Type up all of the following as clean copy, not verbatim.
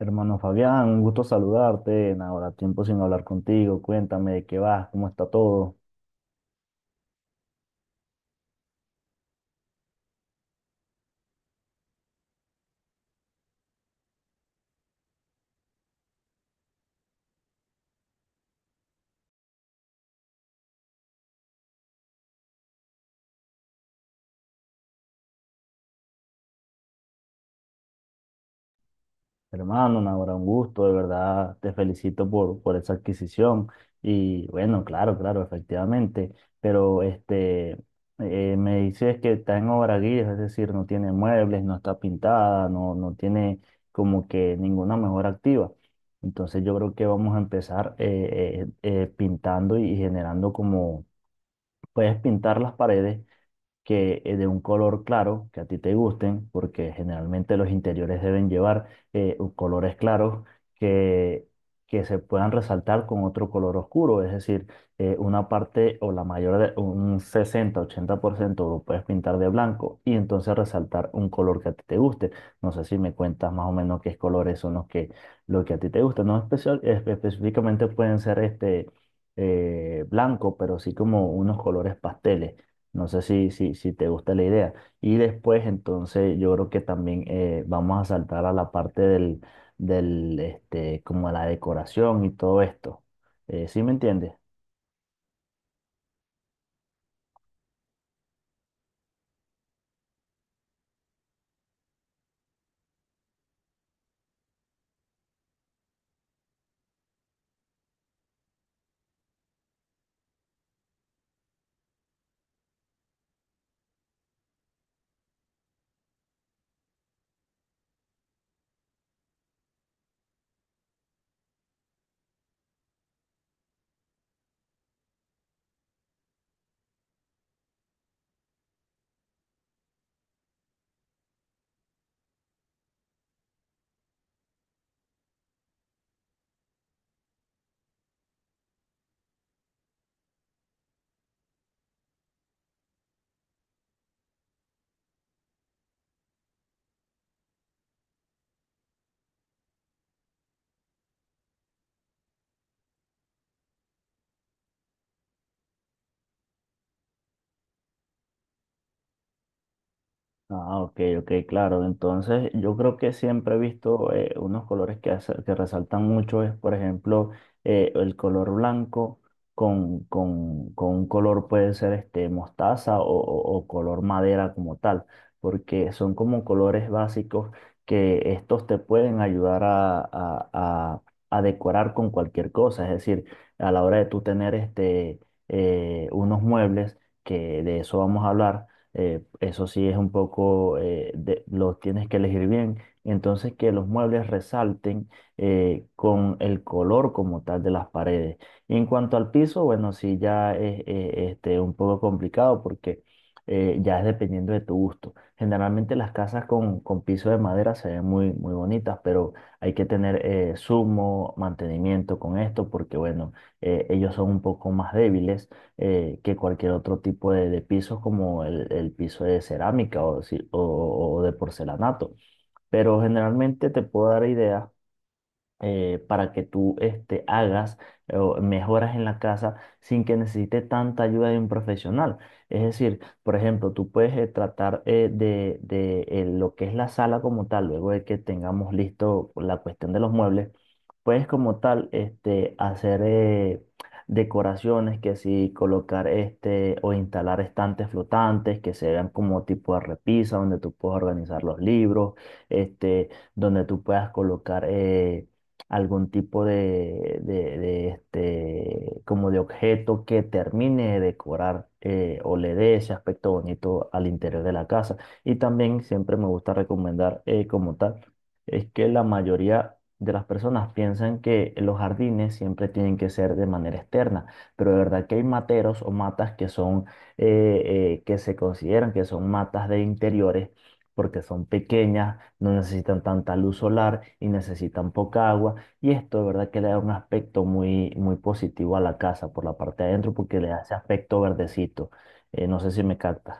Hermano Fabián, un gusto saludarte. Ahora tiempo sin hablar contigo. Cuéntame de qué vas, cómo está todo. Hermano, Nahora, un gusto, de verdad te felicito por esa adquisición. Y bueno, claro, claro, efectivamente. Pero me dices que está en obra guía, es decir, no tiene muebles, no está pintada, no tiene como que ninguna mejora activa. Entonces yo creo que vamos a empezar pintando y generando como, puedes pintar las paredes que de un color claro, que a ti te gusten, porque generalmente los interiores deben llevar colores claros que, que se puedan resaltar con otro color oscuro, es decir, una parte o la mayor de un 60-80% lo puedes pintar de blanco y entonces resaltar un color que a ti te guste. No sé si me cuentas más o menos qué colores son lo que a ti te gusta. No especial, espe- específicamente pueden ser blanco, pero sí como unos colores pasteles. No sé si te gusta la idea. Y después, entonces, yo creo que también vamos a saltar a la parte este, como la decoración y todo esto. ¿Sí me entiendes? Ah, ok, ok, claro. Entonces, yo creo que siempre he visto unos colores que resaltan mucho, es por ejemplo el color blanco con un color puede ser este mostaza o color madera como tal, porque son como colores básicos que estos te pueden ayudar a decorar con cualquier cosa. Es decir, a la hora de tú tener unos muebles, que de eso vamos a hablar, eso sí es un poco, lo tienes que elegir bien. Entonces que los muebles resalten con el color como tal de las paredes. Y en cuanto al piso, bueno, sí ya es este, un poco complicado porque ya es dependiendo de tu gusto. Generalmente las casas con piso de madera se ven muy, muy bonitas, pero hay que tener sumo mantenimiento con esto porque, bueno, ellos son un poco más débiles que cualquier otro tipo de pisos como el piso de cerámica o, si- o de porcelanato. Pero generalmente te puedo dar ideas para que tú este, hagas o mejoras en la casa sin que necesite tanta ayuda de un profesional. Es decir, por ejemplo, tú puedes tratar lo que es la sala como tal, luego de que tengamos listo la cuestión de los muebles, puedes como tal este, hacer decoraciones que si colocar este o instalar estantes flotantes que se vean como tipo de repisa donde tú puedas organizar los libros, este, donde tú puedas colocar algún tipo este, como de objeto que termine de decorar, o le dé ese aspecto bonito al interior de la casa. Y también siempre me gusta recomendar como tal, es que la mayoría de las personas piensan que los jardines siempre tienen que ser de manera externa, pero de verdad que hay materos o matas que son, eh, que se consideran que son matas de interiores porque son pequeñas, no necesitan tanta luz solar y necesitan poca agua y esto, de verdad, que le da un aspecto muy, muy positivo a la casa por la parte de adentro porque le da ese aspecto verdecito. No sé si me captas.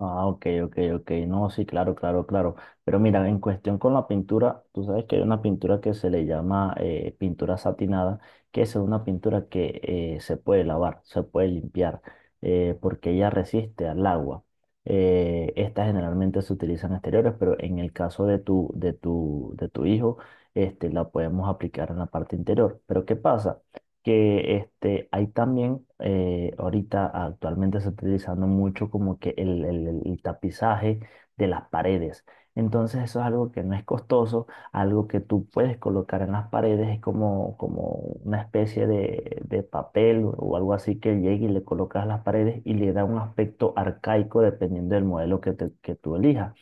Ah, ok, ok, ok. No, sí, claro, claro, claro. Pero mira, en cuestión con la pintura, tú sabes que hay una pintura que se le llama pintura satinada, que es una pintura que se puede lavar, se puede limpiar, porque ella resiste al agua. Estas generalmente se utilizan en exteriores, pero en el caso de tu hijo, este, la podemos aplicar en la parte interior. Pero ¿qué pasa? Que este, hay también, ahorita actualmente se está utilizando mucho como que el tapizaje de las paredes. Entonces eso es algo que no es costoso, algo que tú puedes colocar en las paredes, es como una especie de papel o algo así que llegue y le colocas a las paredes y le da un aspecto arcaico dependiendo del modelo que tú elijas.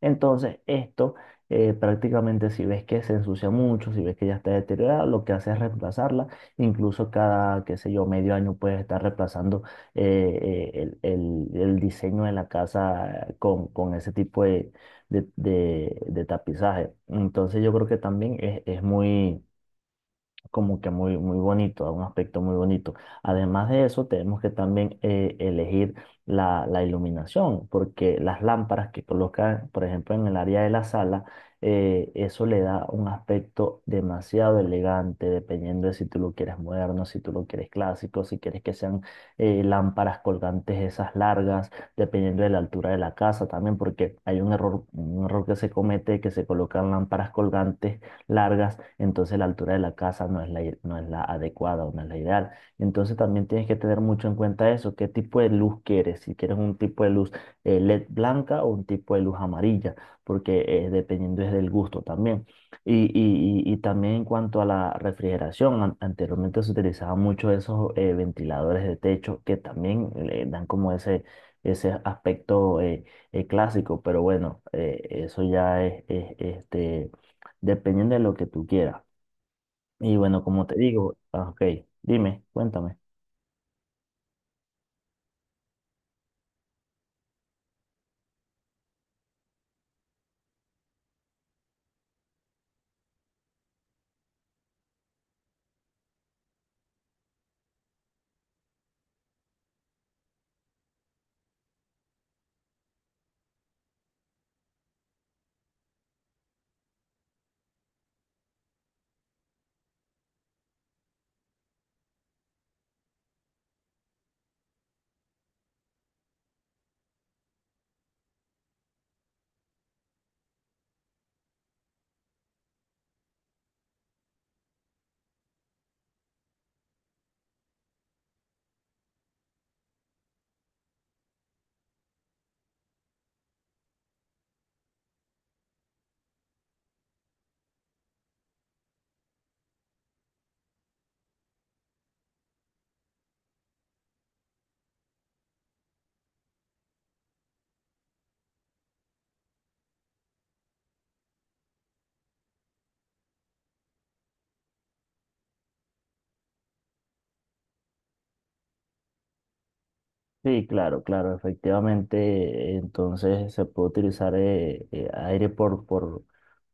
Entonces esto prácticamente si ves que se ensucia mucho, si ves que ya está deteriorada, lo que hace es reemplazarla. Incluso cada, qué sé yo, medio año puedes estar reemplazando el, el diseño de la casa con ese tipo de tapizaje. Entonces yo creo que también es muy como que muy, muy bonito, un aspecto muy bonito. Además de eso, tenemos que también elegir la iluminación, porque las lámparas que colocan, por ejemplo, en el área de la sala, eso le da un aspecto demasiado elegante, dependiendo de si tú lo quieres moderno, si tú lo quieres clásico, si quieres que sean lámparas colgantes esas largas, dependiendo de la altura de la casa también, porque hay un error que se comete, que se colocan lámparas colgantes largas, entonces la altura de la casa no es la adecuada o no es la ideal. Entonces también tienes que tener mucho en cuenta eso, qué tipo de luz quieres, si quieres un tipo de luz LED blanca o un tipo de luz amarilla, porque dependiendo es del gusto también. Y también en cuanto a la refrigeración, anteriormente se utilizaban mucho esos ventiladores de techo que también le dan como ese aspecto clásico, pero bueno, eso ya este, dependiendo de lo que tú quieras. Y bueno, como te digo, ah, ok, dime, cuéntame. Sí, claro, claro, efectivamente, entonces se puede utilizar aire por, por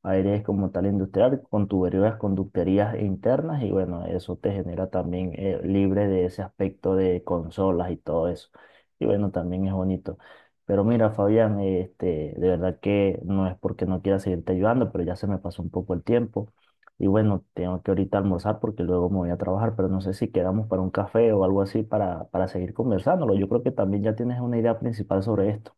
aire como tal industrial, con tuberías, conductorías internas y bueno, eso te genera también libre de ese aspecto de consolas y todo eso. Y bueno, también es bonito. Pero mira, Fabián, este, de verdad que no es porque no quiera seguirte ayudando, pero ya se me pasó un poco el tiempo. Y bueno, tengo que ahorita almorzar porque luego me voy a trabajar, pero no sé si quedamos para un café o algo así para seguir conversándolo. Yo creo que también ya tienes una idea principal sobre esto.